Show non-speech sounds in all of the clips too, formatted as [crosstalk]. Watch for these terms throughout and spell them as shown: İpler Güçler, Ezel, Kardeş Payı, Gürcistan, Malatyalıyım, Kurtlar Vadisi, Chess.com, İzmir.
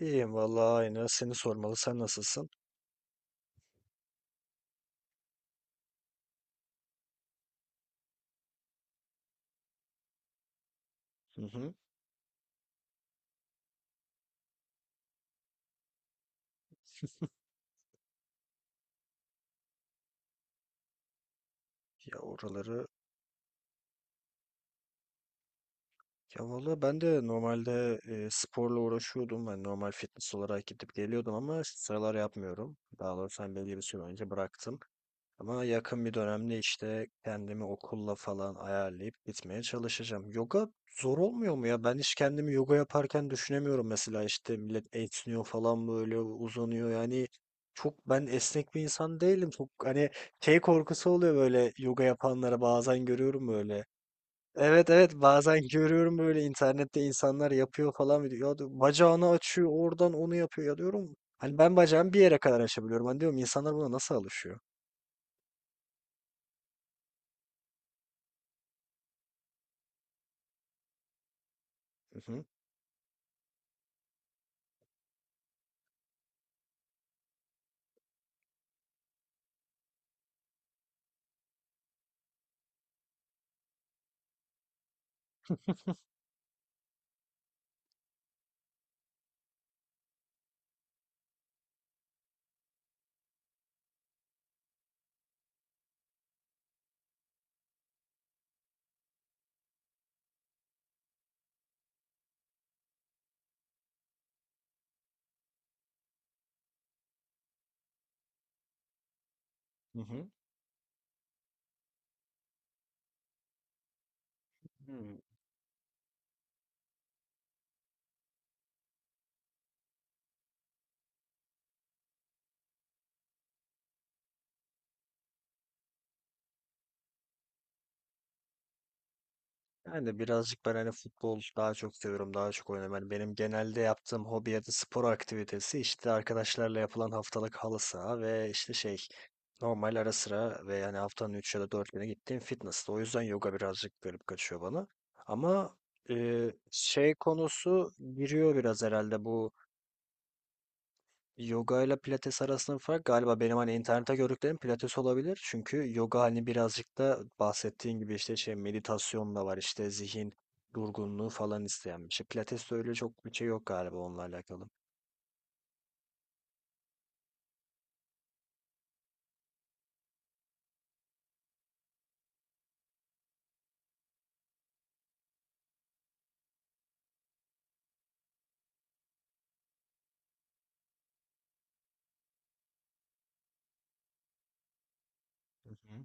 İyiyim vallahi aynı. Seni sormalı. Sen nasılsın? Hı hı. Ya oraları. Ya valla ben de normalde sporla uğraşıyordum. Ben normal fitness olarak gidip geliyordum ama şu sıralar yapmıyorum. Daha doğrusu ben belli bir süre önce bıraktım. Ama yakın bir dönemde işte kendimi okulla falan ayarlayıp gitmeye çalışacağım. Yoga zor olmuyor mu ya? Ben hiç kendimi yoga yaparken düşünemiyorum mesela işte millet esniyor falan böyle uzanıyor. Yani çok ben esnek bir insan değilim. Çok hani şey korkusu oluyor böyle yoga yapanlara bazen görüyorum böyle. Evet, evet, bazen görüyorum böyle internette insanlar yapıyor falan diyor. Ya diyor, bacağını açıyor oradan onu yapıyor ya diyorum. Hani ben bacağımı bir yere kadar açabiliyorum. Hani diyorum insanlar buna nasıl alışıyor? Hı hı. [laughs] Hı hı. Hmm. Yani birazcık ben hani futbol daha çok seviyorum, daha çok oynuyorum. Hani benim genelde yaptığım hobi ya da spor aktivitesi işte arkadaşlarla yapılan haftalık halı saha ve işte şey normal ara sıra ve yani haftanın 3 ya da 4 güne gittiğim fitness'ta. O yüzden yoga birazcık garip kaçıyor bana. Ama e, şey konusu giriyor biraz herhalde bu. Yoga ile pilates arasında fark galiba benim hani internette gördüklerim pilates olabilir. Çünkü yoga hani birazcık da bahsettiğin gibi işte şey meditasyon da var işte zihin durgunluğu falan isteyen bir şey. Pilates de öyle çok bir şey yok galiba onunla alakalı. Hı hı.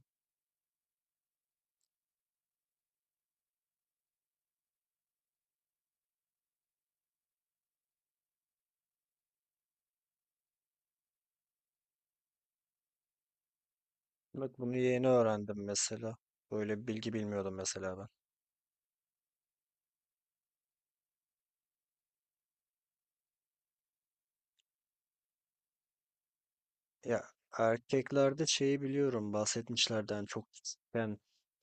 Bak bunu yeni öğrendim mesela. Böyle bir bilgi bilmiyordum mesela ben. Ya erkeklerde şeyi biliyorum bahsetmişlerden hani çok küçükken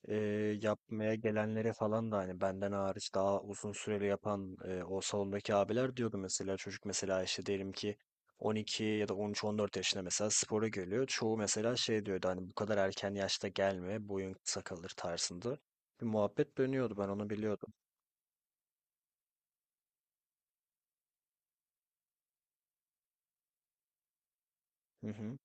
e, yapmaya gelenlere falan da hani benden hariç daha uzun süreli yapan o salondaki abiler diyordu mesela çocuk mesela işte diyelim ki 12 ya da 13-14 yaşında mesela spora geliyor. Çoğu mesela şey diyordu hani bu kadar erken yaşta gelme boyun kısa kalır tarzında bir muhabbet dönüyordu ben onu biliyordum. Hı hı.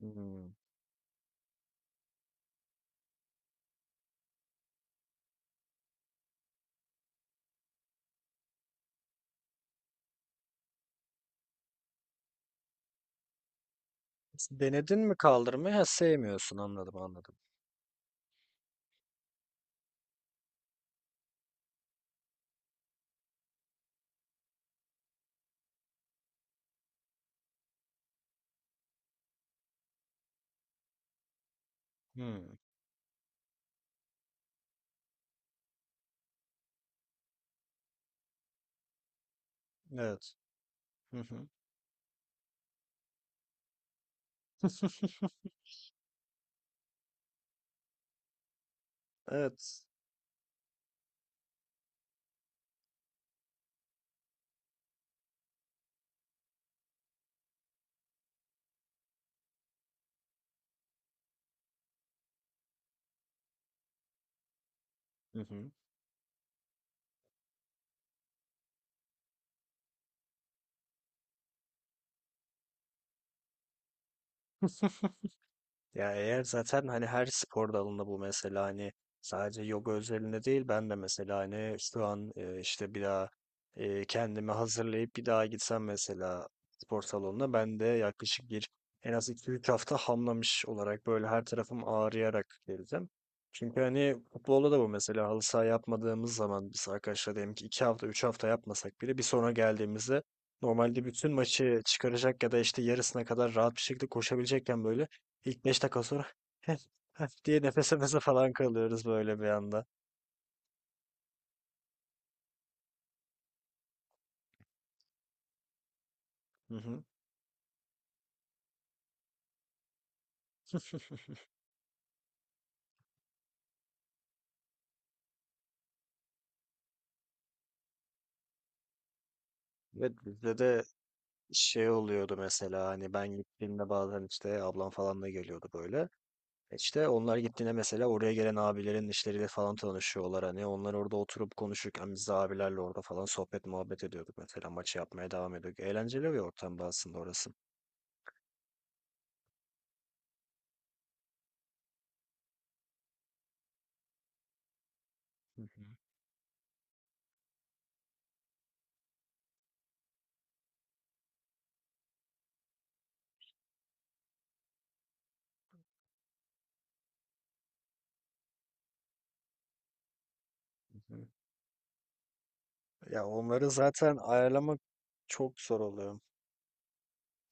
Hmm. Denedin mi kaldırmayı? Ha, sevmiyorsun, anladım, anladım. Hmm. Evet. Hı hı. [laughs] Evet. Hı hı. [laughs] Ya eğer zaten hani her spor dalında bu mesela hani sadece yoga özelinde değil ben de mesela hani şu an işte bir daha kendimi hazırlayıp bir daha gitsem mesela spor salonuna ben de yaklaşık bir en az iki üç hafta hamlamış olarak böyle her tarafım ağrıyarak geleceğim. Çünkü hani futbolda da bu mesela halı saha yapmadığımız zaman biz arkadaşlar diyelim ki 2 hafta 3 hafta yapmasak bile bir sonra geldiğimizde normalde bütün maçı çıkaracak ya da işte yarısına kadar rahat bir şekilde koşabilecekken böyle İlk 5 dakika sonra [laughs] "Heh, heh" diye nefes nefese falan kalıyoruz böyle bir anda. Hı hı. [laughs] Ve bizde de şey oluyordu mesela hani ben gittiğimde bazen işte ablam falan da geliyordu böyle. İşte onlar gittiğinde mesela oraya gelen abilerin işleriyle falan tanışıyorlar hani onlar orada oturup konuşurken biz de abilerle orada falan sohbet muhabbet ediyorduk mesela maçı yapmaya devam ediyorduk. Eğlenceli bir ortamda aslında orası. Hı hı, hı hı. Ya onları zaten ayarlamak çok zor oluyor.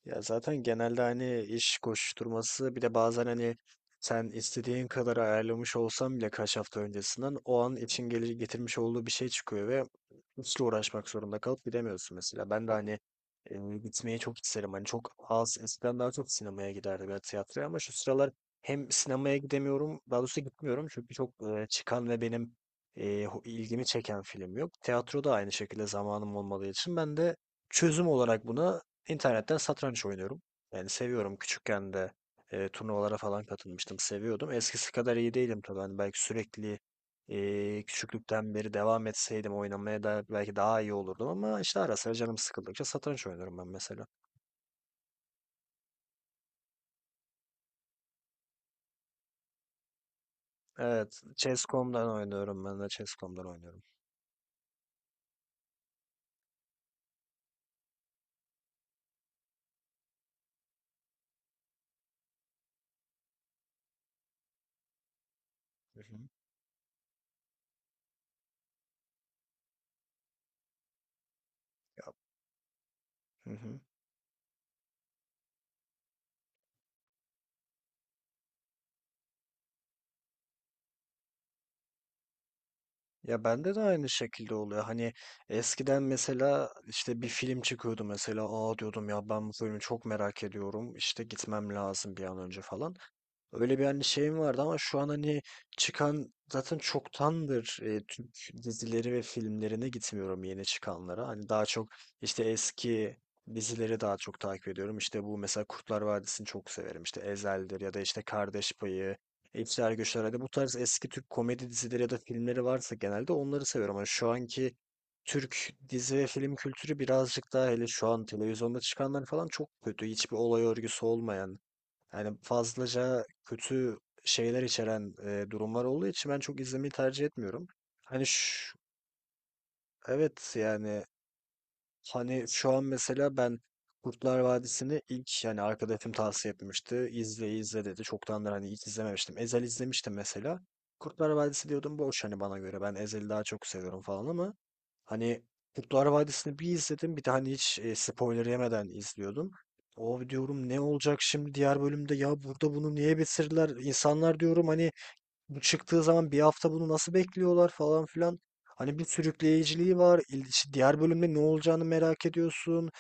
Ya zaten genelde hani iş koşturması bir de bazen hani sen istediğin kadar ayarlamış olsan bile kaç hafta öncesinden o an için getirmiş olduğu bir şey çıkıyor ve hiç uğraşmak zorunda kalıp gidemiyorsun mesela. Ben de hani gitmeyi çok isterim. Hani çok az eskiden daha çok sinemaya giderdim ya tiyatroya ama şu sıralar hem sinemaya gidemiyorum daha doğrusu gitmiyorum çünkü çok çıkan ve benim ilgimi çeken film yok. Tiyatro da aynı şekilde zamanım olmadığı için ben de çözüm olarak buna İnternetten satranç oynuyorum. Yani seviyorum. Küçükken de turnuvalara falan katılmıştım. Seviyordum. Eskisi kadar iyi değilim tabii. Hani belki sürekli küçüklükten beri devam etseydim oynamaya da belki daha iyi olurdum. Ama işte ara sıra canım sıkıldıkça satranç oynuyorum ben mesela. Evet. Chess.com'dan oynuyorum. Ben de Chess.com'dan oynuyorum. Hı hı. Hı hı. Ya bende de aynı şekilde oluyor. Hani eskiden mesela işte bir film çıkıyordu mesela, aa diyordum ya ben bu filmi çok merak ediyorum, İşte gitmem lazım bir an önce falan. Öyle bir hani şeyim vardı ama şu an hani çıkan zaten çoktandır Türk dizileri ve filmlerine gitmiyorum yeni çıkanlara. Hani daha çok işte eski dizileri daha çok takip ediyorum. İşte bu mesela Kurtlar Vadisi'ni çok severim. İşte Ezel'dir ya da işte Kardeş Payı, İpler Güçler. Hani bu tarz eski Türk komedi dizileri ya da filmleri varsa genelde onları seviyorum. Ama şu anki Türk dizi ve film kültürü birazcık daha hele şu an televizyonda çıkanlar falan çok kötü. Hiçbir olay örgüsü olmayan. Yani fazlaca kötü şeyler içeren durumlar olduğu için ben çok izlemeyi tercih etmiyorum. Hani şu, evet yani hani şu an mesela ben Kurtlar Vadisi'ni ilk yani arkadaşım tavsiye etmişti. İzle, izle dedi. Çoktandır hani hiç izlememiştim. Ezel izlemiştim mesela. Kurtlar Vadisi diyordum boş hani bana göre. Ben Ezel'i daha çok seviyorum falan ama hani Kurtlar Vadisi'ni bir izledim. Bir de hani hiç spoiler yemeden izliyordum. O diyorum ne olacak şimdi diğer bölümde, ya burada bunu niye bitirdiler? İnsanlar diyorum hani bu çıktığı zaman bir hafta bunu nasıl bekliyorlar falan filan. Hani bir sürükleyiciliği var. İşte diğer bölümde ne olacağını merak ediyorsun.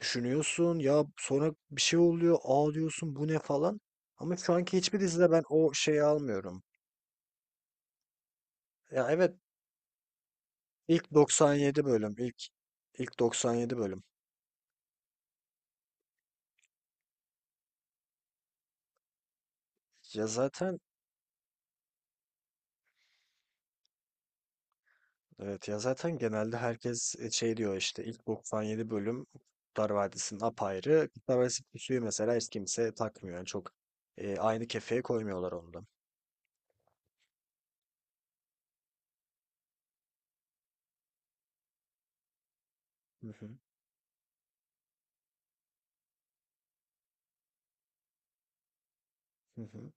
Düşünüyorsun ya sonra bir şey oluyor. Aa diyorsun bu ne falan. Ama şu anki hiçbir dizide ben o şeyi almıyorum. Ya evet, ilk 97 bölüm. ilk 97 bölüm. Ya zaten Evet ya zaten genelde herkes şey diyor işte ilk 97 bölüm Kurtlar Vadisi'nin apayrı. Kurtlar Vadisi suyu mesela hiç kimse takmıyor. Yani çok aynı kefeye koymuyorlar onu da. Hı hı, hı hı.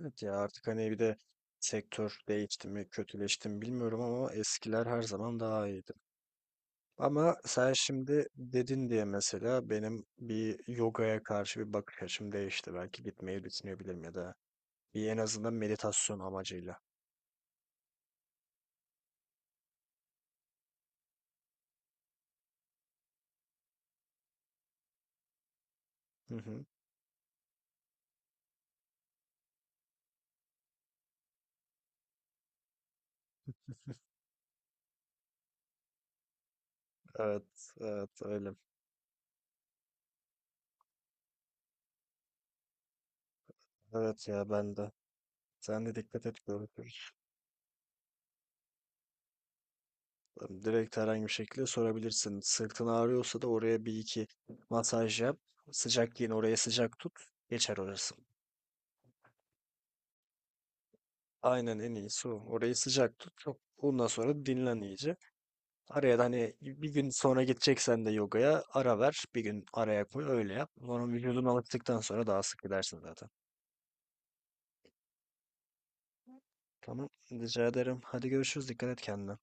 Evet ya artık hani bir de sektör değişti mi kötüleşti mi bilmiyorum ama eskiler her zaman daha iyiydi. Ama sen şimdi dedin diye mesela benim bir yogaya karşı bir bakış açım değişti. Belki gitmeyi düşünebilirim ya da bir en azından meditasyon amacıyla. Hı hı. Evet, evet öyle. Evet ya ben de. Sen de dikkat et, görüşürüz. Direkt herhangi bir şekilde sorabilirsin. Sırtın ağrıyorsa da oraya bir iki masaj yap. Sıcak giyin, oraya sıcak tut. Geçer orası. Aynen, en iyisi o. Orayı sıcak tut. Ondan sonra dinlen iyice. Araya da hani bir gün sonra gideceksen de yogaya ara ver. Bir gün araya koy, öyle yap. Sonra vücudun alıştıktan sonra daha sık gidersin zaten. Tamam. Rica ederim. Hadi görüşürüz. Dikkat et kendine.